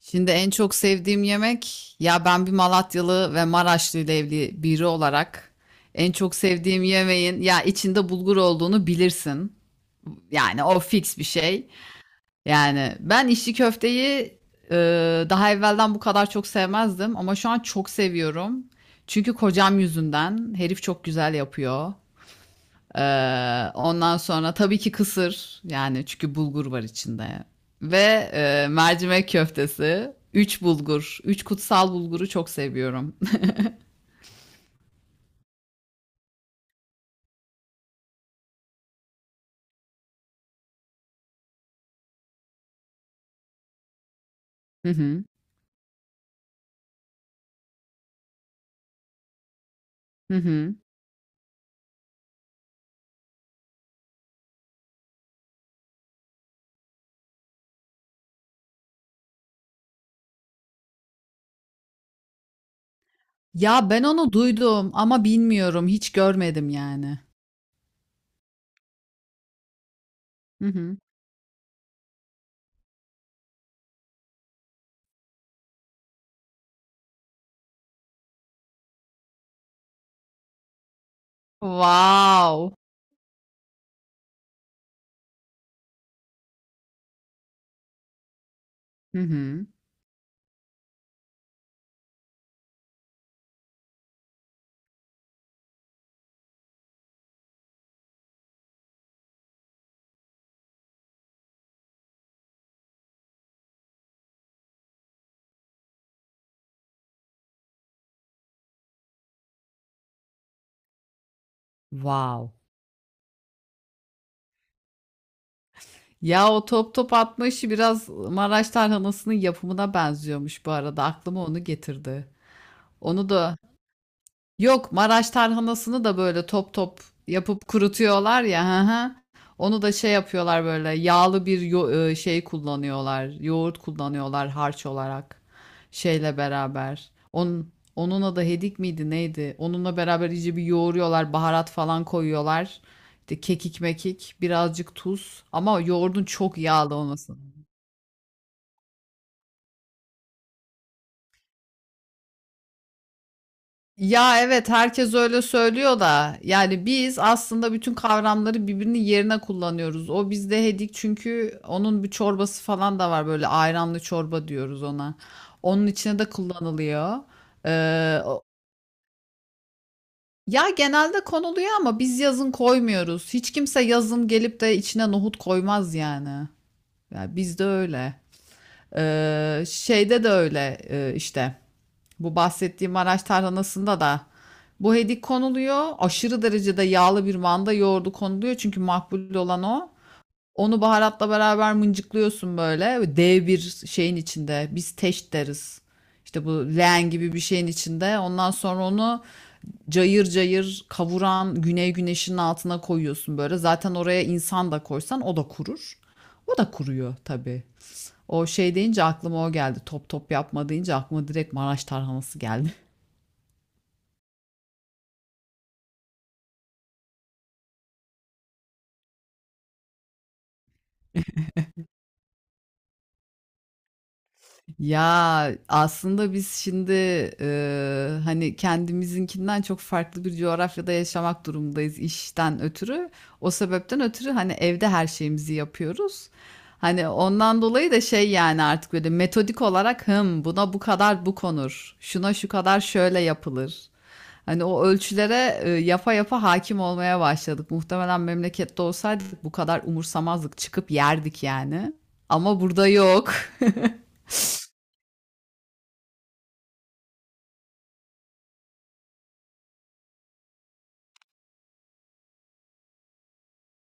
Şimdi en çok sevdiğim yemek, ya, ben bir Malatyalı ve Maraşlı ile evli biri olarak en çok sevdiğim yemeğin ya içinde bulgur olduğunu bilirsin. Yani o fix bir şey. Yani ben içli köfteyi e, daha evvelden bu kadar çok sevmezdim ama şu an çok seviyorum. Çünkü kocam yüzünden herif çok güzel yapıyor. Ondan sonra tabii ki kısır, yani çünkü bulgur var içinde, ve mercimek köftesi. Üç bulgur, üç kutsal bulguru çok seviyorum. Hı hı, hı hı. Ya ben onu duydum ama bilmiyorum, hiç görmedim yani. Hı hı. Wow. Hı hı. Wow. Ya o top top atma işi biraz Maraş tarhanasının yapımına benziyormuş bu arada. Aklıma onu getirdi. Onu da. Yok, Maraş tarhanasını da böyle top top yapıp kurutuyorlar ya. Hı hı. Onu da şey yapıyorlar, böyle yağlı bir şey kullanıyorlar. Yoğurt kullanıyorlar harç olarak, şeyle beraber. Onun adı hedik miydi neydi? Onunla beraber iyice bir yoğuruyorlar, baharat falan koyuyorlar. İşte kekik mekik, birazcık tuz, ama yoğurdun çok yağlı olması. Ya evet, herkes öyle söylüyor da yani biz aslında bütün kavramları birbirinin yerine kullanıyoruz. O bizde hedik, çünkü onun bir çorbası falan da var, böyle ayranlı çorba diyoruz ona. Onun içine de kullanılıyor. Ee, o- Ya genelde konuluyor ama biz yazın koymuyoruz. Hiç kimse yazın gelip de içine nohut koymaz yani. Ya bizde öyle. Şeyde de öyle, işte. Bu bahsettiğim Maraş tarhanasında da bu hedik konuluyor. Aşırı derecede yağlı bir manda yoğurdu konuluyor. Çünkü makbul olan o. Onu baharatla beraber mıncıklıyorsun böyle. Dev bir şeyin içinde. Biz teş deriz. İşte bu leğen gibi bir şeyin içinde. Ondan sonra onu cayır cayır kavuran güney güneşinin altına koyuyorsun böyle. Zaten oraya insan da koysan o da kurur. O da kuruyor tabii. O şey deyince aklıma o geldi. Top top yapma deyince aklıma direkt Maraş tarhanası geldi. Ya aslında biz şimdi hani kendimizinkinden çok farklı bir coğrafyada yaşamak durumundayız işten ötürü. O sebepten ötürü hani evde her şeyimizi yapıyoruz. Hani ondan dolayı da şey, yani artık böyle metodik olarak, hım, buna bu kadar bu konur. Şuna şu kadar şöyle yapılır. Hani o ölçülere yapa yapa hakim olmaya başladık. Muhtemelen memlekette olsaydık bu kadar umursamazdık, çıkıp yerdik yani. Ama burada yok.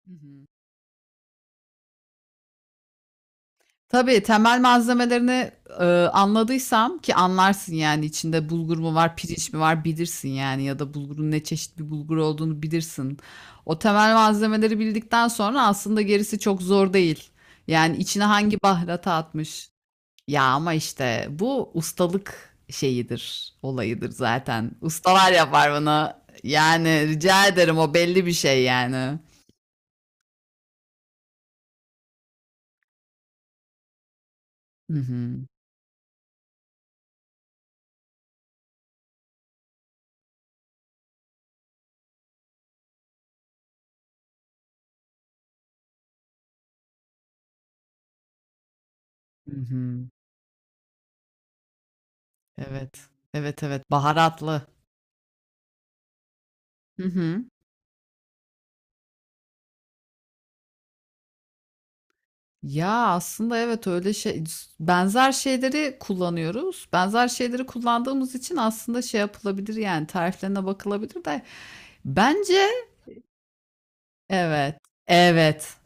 Tabii temel malzemelerini, anladıysam ki anlarsın, yani içinde bulgur mu var, pirinç mi var bilirsin, yani ya da bulgurun ne çeşit bir bulgur olduğunu bilirsin. O temel malzemeleri bildikten sonra aslında gerisi çok zor değil. Yani içine hangi baharatı atmış? Ya ama işte bu ustalık şeyidir, olayıdır zaten. Ustalar yapar bunu. Yani rica ederim, o belli bir şey yani. Hı hı. Hı hı. Evet. Evet, evet. Baharatlı. Hı hı. Ya aslında evet, öyle şey, benzer şeyleri kullanıyoruz. Benzer şeyleri kullandığımız için aslında şey yapılabilir, yani tariflerine bakılabilir de bence evet. Evet.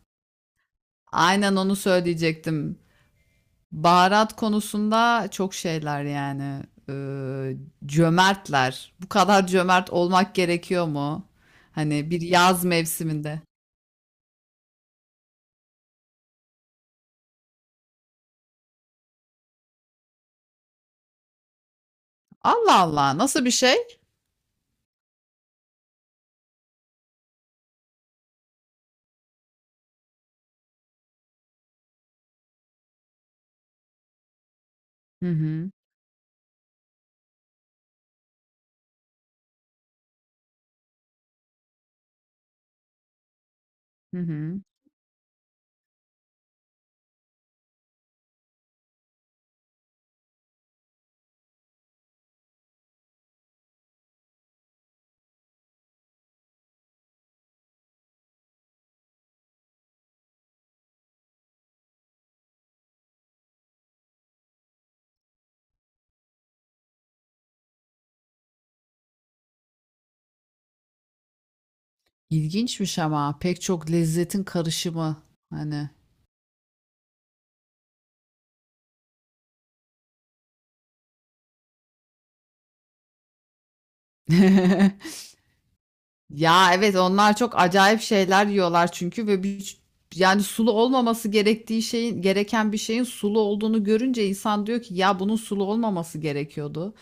Aynen onu söyleyecektim. Baharat konusunda çok şeyler yani. Ee, Cömertler. Bu kadar cömert olmak gerekiyor mu? Hani bir yaz mevsiminde. Allah Allah, nasıl bir şey? Hı hı. Hı hı. İlginçmiş, ama pek çok lezzetin karışımı hani. Ya evet, onlar çok acayip şeyler yiyorlar çünkü, ve bir, yani sulu olmaması gerektiği şeyin, gereken bir şeyin sulu olduğunu görünce insan diyor ki ya bunun sulu olmaması gerekiyordu.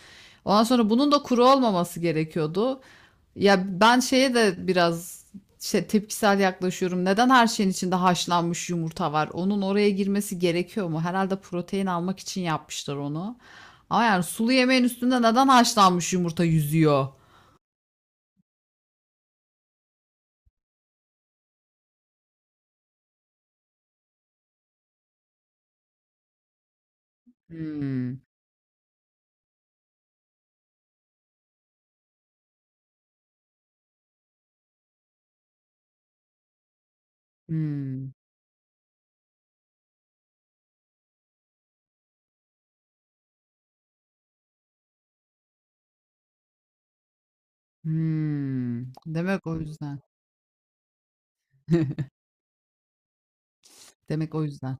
Ondan sonra bunun da kuru olmaması gerekiyordu. Ya ben şeye de biraz şey, tepkisel yaklaşıyorum. Neden her şeyin içinde haşlanmış yumurta var? Onun oraya girmesi gerekiyor mu? Herhalde protein almak için yapmışlar onu. Ama yani sulu yemeğin üstünde neden haşlanmış yumurta yüzüyor? Hmm, hmm, hmm. Demek o yüzden. Demek o yüzden.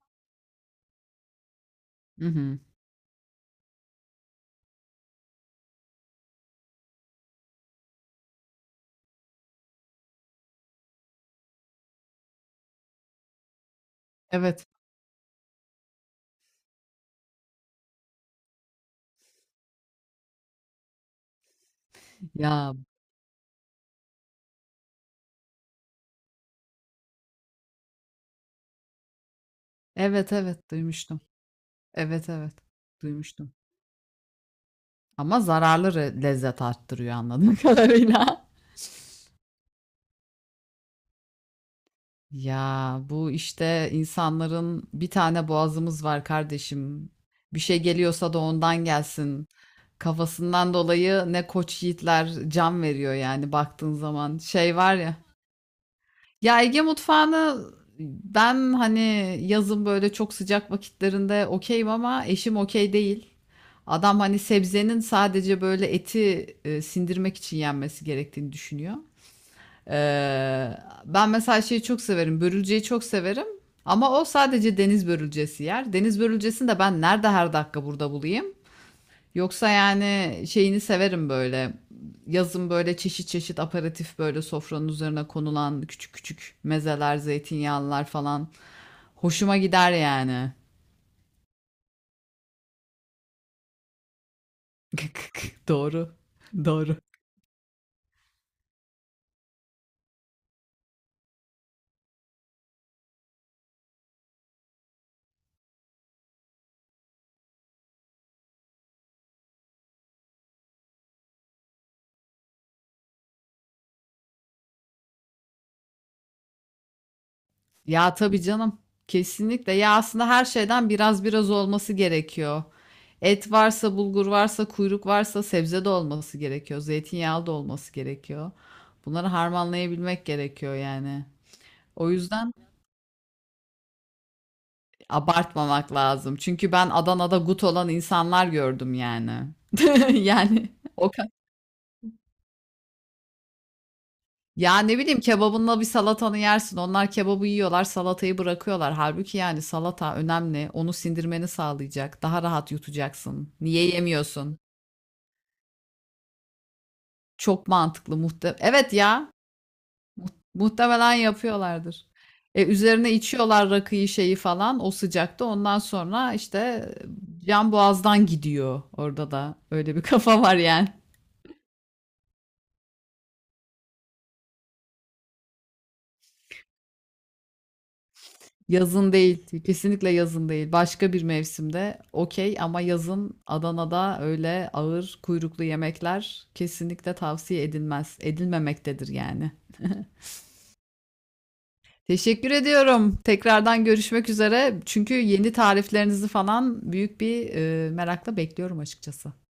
Hı hı. Evet. Ya evet evet, duymuştum. Evet evet, duymuştum. Ama zararlı lezzet arttırıyor anladığım kadarıyla. Ya bu işte, insanların bir tane boğazımız var kardeşim. Bir şey geliyorsa da ondan gelsin. Kafasından dolayı ne koç yiğitler can veriyor yani baktığın zaman. Şey var ya. Ya Ege mutfağını ben hani yazın böyle çok sıcak vakitlerinde okeyim, ama eşim okey değil. Adam hani sebzenin sadece böyle eti sindirmek için yenmesi gerektiğini düşünüyor. Ee, Ben mesela şeyi çok severim. Börülceyi çok severim. Ama o sadece deniz börülcesi yer. Deniz börülcesini de ben nerede her dakika burada bulayım? Yoksa yani şeyini severim böyle. Yazın böyle çeşit çeşit aperatif, böyle sofranın üzerine konulan küçük küçük mezeler, zeytinyağlılar falan. Hoşuma gider yani. Doğru. Doğru. Ya tabii canım. Kesinlikle. Ya aslında her şeyden biraz biraz olması gerekiyor. Et varsa, bulgur varsa, kuyruk varsa sebze de olması gerekiyor. Zeytinyağlı da olması gerekiyor. Bunları harmanlayabilmek gerekiyor yani. O yüzden abartmamak lazım. Çünkü ben Adana'da gut olan insanlar gördüm yani. Yani o. Ya ne bileyim, kebabınla bir salatanı yersin. Onlar kebabı yiyorlar, salatayı bırakıyorlar. Halbuki yani salata önemli. Onu sindirmeni sağlayacak. Daha rahat yutacaksın. Niye yemiyorsun? Çok mantıklı muhte. Evet ya. Muhtemelen yapıyorlardır. E, üzerine içiyorlar rakıyı şeyi falan o sıcakta. Ondan sonra işte can boğazdan gidiyor. Orada da öyle bir kafa var yani. Yazın değil. Kesinlikle yazın değil. Başka bir mevsimde okey ama yazın Adana'da öyle ağır kuyruklu yemekler kesinlikle tavsiye edilmez. Edilmemektedir yani. Teşekkür ediyorum. Tekrardan görüşmek üzere. Çünkü yeni tariflerinizi falan büyük bir merakla bekliyorum açıkçası.